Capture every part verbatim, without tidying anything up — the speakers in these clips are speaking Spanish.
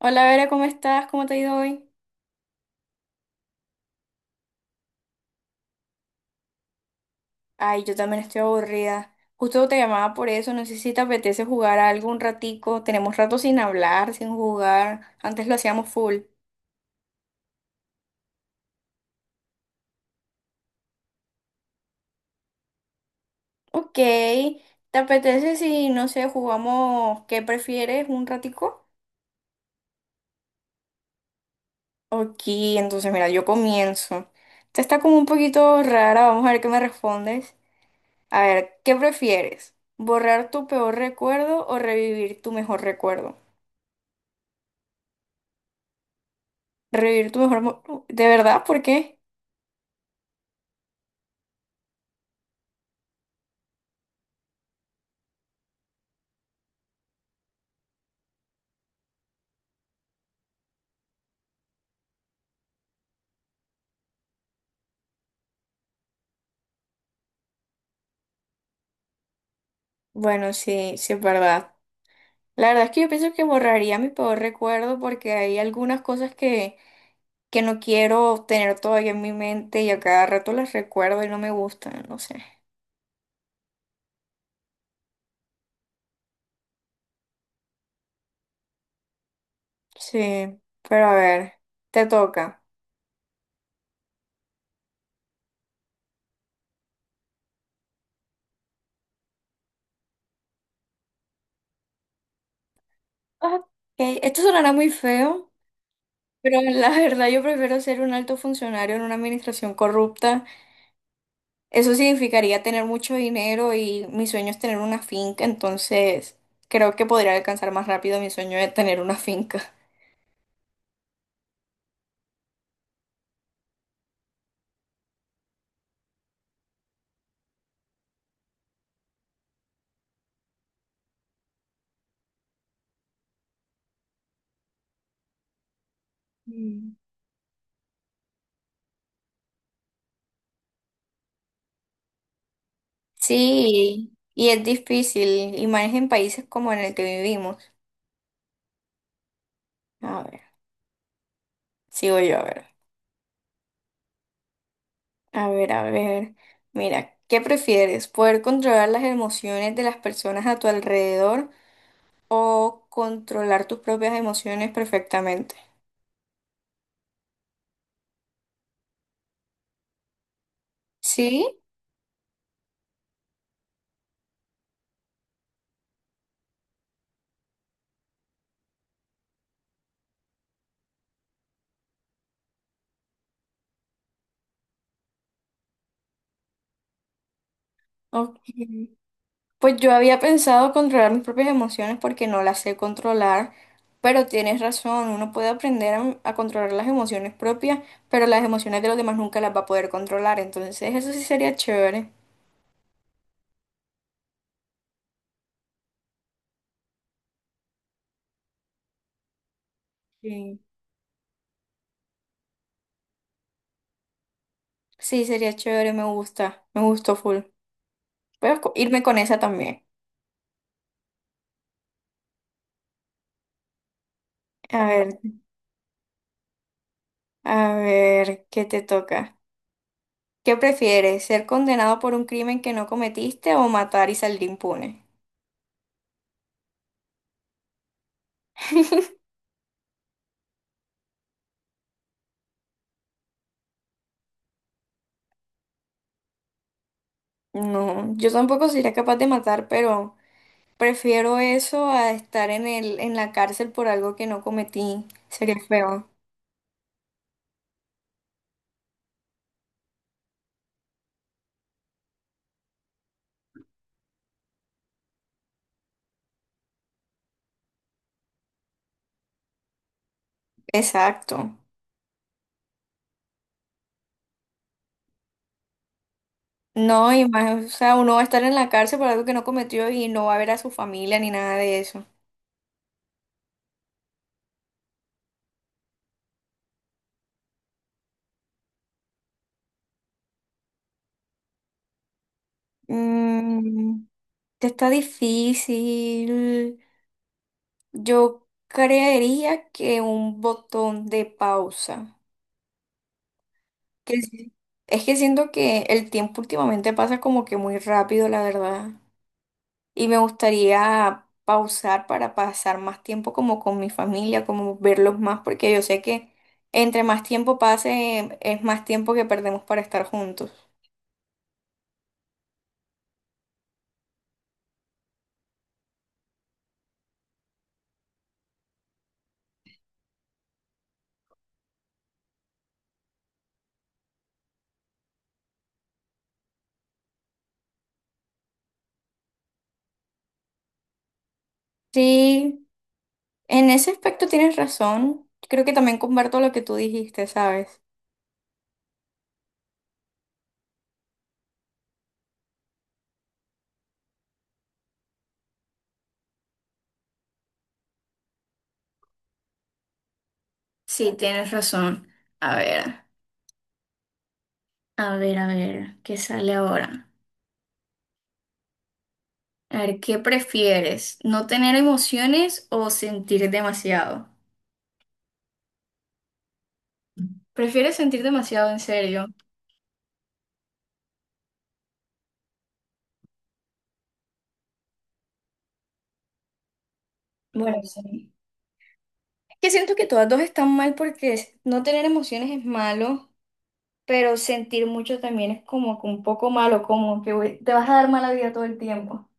Hola Vera, ¿cómo estás? ¿Cómo te ha ido hoy? Ay, yo también estoy aburrida. Justo te llamaba por eso, no sé si te apetece jugar algo un ratico. Tenemos rato sin hablar, sin jugar. Antes lo hacíamos full. Ok, ¿te apetece si, no sé, jugamos qué prefieres un ratico? Ok, entonces mira, yo comienzo. Esta está como un poquito rara, vamos a ver qué me respondes. A ver, ¿qué prefieres? ¿Borrar tu peor recuerdo o revivir tu mejor recuerdo? Revivir tu mejor... mo- ¿De verdad? ¿Por qué? Bueno, sí, sí es verdad. La verdad es que yo pienso que borraría mi peor recuerdo porque hay algunas cosas que, que no quiero tener todavía en mi mente y a cada rato las recuerdo y no me gustan, no sé. Sí, pero a ver, te toca. Ok, esto sonará muy feo, pero la verdad yo prefiero ser un alto funcionario en una administración corrupta. Eso significaría tener mucho dinero y mi sueño es tener una finca, entonces creo que podría alcanzar más rápido mi sueño de tener una finca. Mm. Sí, y es difícil, y más en países como en el que vivimos. A ver, sigo yo, a ver. A ver, a ver. Mira, ¿qué prefieres? ¿Poder controlar las emociones de las personas a tu alrededor o controlar tus propias emociones perfectamente? Sí, ok. Pues yo había pensado controlar mis propias emociones porque no las sé controlar, pero tienes razón, uno puede aprender a, a controlar las emociones propias, pero las emociones de los demás nunca las va a poder controlar, entonces eso sí sería chévere. Sí. Sí, sería chévere, me gusta, me gustó full. Voy a co- irme con esa también. A ver, a ver, ¿qué te toca? ¿Qué prefieres, ser condenado por un crimen que no cometiste o matar y salir impune? No, yo tampoco sería capaz de matar, pero... Prefiero eso a estar en el, en la cárcel por algo que no cometí. Sería feo. Exacto. No, y más, o sea, uno va a estar en la cárcel por algo que no cometió y no va a ver a su familia ni nada de eso. Mm, está difícil. Yo creería que un botón de pausa. Que sí. Es que siento que el tiempo últimamente pasa como que muy rápido, la verdad. Y me gustaría pausar para pasar más tiempo como con mi familia, como verlos más, porque yo sé que entre más tiempo pase, es más tiempo que perdemos para estar juntos. Sí, en ese aspecto tienes razón. Creo que también comparto lo que tú dijiste, ¿sabes? Sí, tienes razón. A ver, a ver, a ver, ¿qué sale ahora? A ver, ¿qué prefieres? ¿No tener emociones o sentir demasiado? ¿Prefieres sentir demasiado en serio? Bueno, sí. Que siento que todas dos están mal porque no tener emociones es malo, pero sentir mucho también es como que un poco malo, como que güey, te vas a dar mala vida todo el tiempo.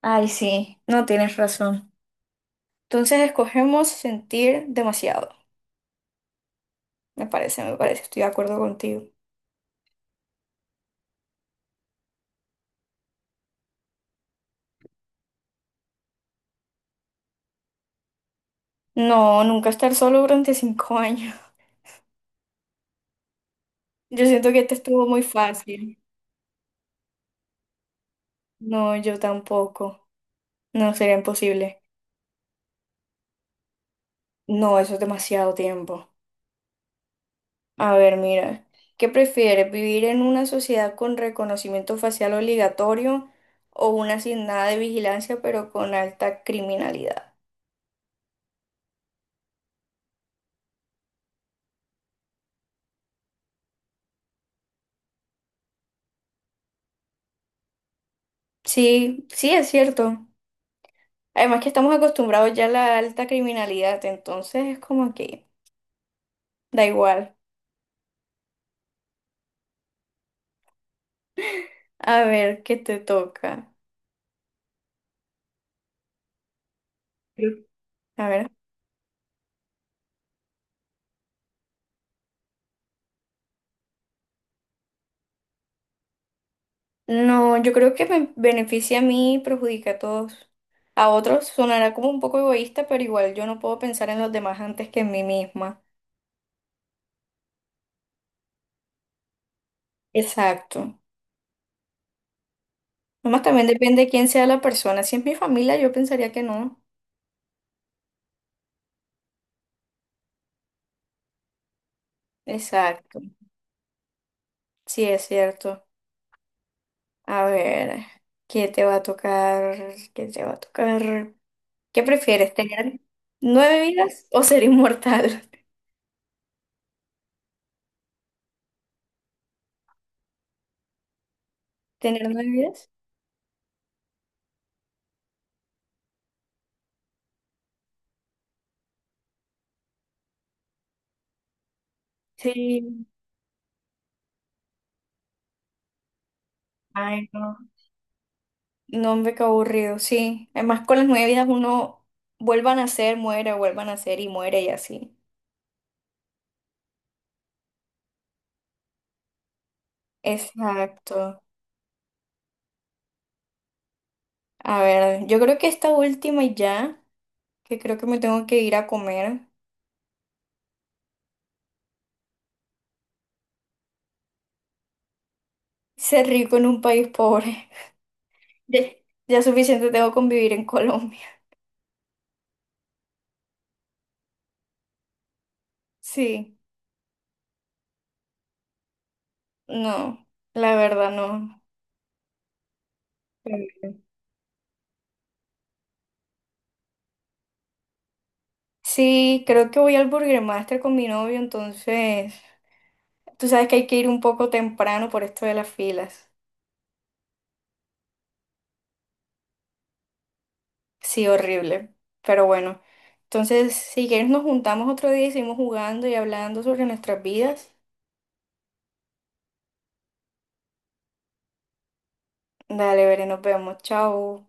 Ay, sí, no tienes razón. Entonces escogemos sentir demasiado. Me parece, me parece, estoy de acuerdo contigo. No, nunca estar solo durante cinco años. Yo siento que este estuvo muy fácil. No, yo tampoco. No, sería imposible. No, eso es demasiado tiempo. A ver, mira, ¿qué prefieres? ¿Vivir en una sociedad con reconocimiento facial obligatorio o una sin nada de vigilancia pero con alta criminalidad? Sí, sí, es cierto. Además que estamos acostumbrados ya a la alta criminalidad, entonces es como que da igual. A ver, ¿qué te toca? Creo- A ver. No, yo creo que me beneficia a mí y perjudica a todos. A otros sonará como un poco egoísta, pero igual yo no puedo pensar en los demás antes que en mí misma. Exacto. Nomás también depende de quién sea la persona. Si es mi familia, yo pensaría que no. Exacto. Sí, es cierto. A ver, ¿qué te va a tocar? ¿Qué te va a tocar? ¿Qué prefieres, tener nueve vidas o ser inmortal? ¿Tener nueve vidas? Sí. Ay, no. No, hombre, qué aburrido. Sí. Además, con las nueve vidas uno vuelva a nacer, muere, vuelva a nacer y muere y así. Exacto. A ver, yo creo que esta última y ya, que creo que me tengo que ir a comer. Ser rico en un país pobre. Ya, ya suficiente tengo con vivir en Colombia. Sí, no, la verdad no. Sí, creo que voy al Burger Master con mi novio, entonces tú sabes que hay que ir un poco temprano por esto de las filas. Sí, horrible, pero bueno. Entonces, si quieres nos juntamos otro día y seguimos jugando y hablando sobre nuestras vidas. Dale, veré, nos vemos. Chao.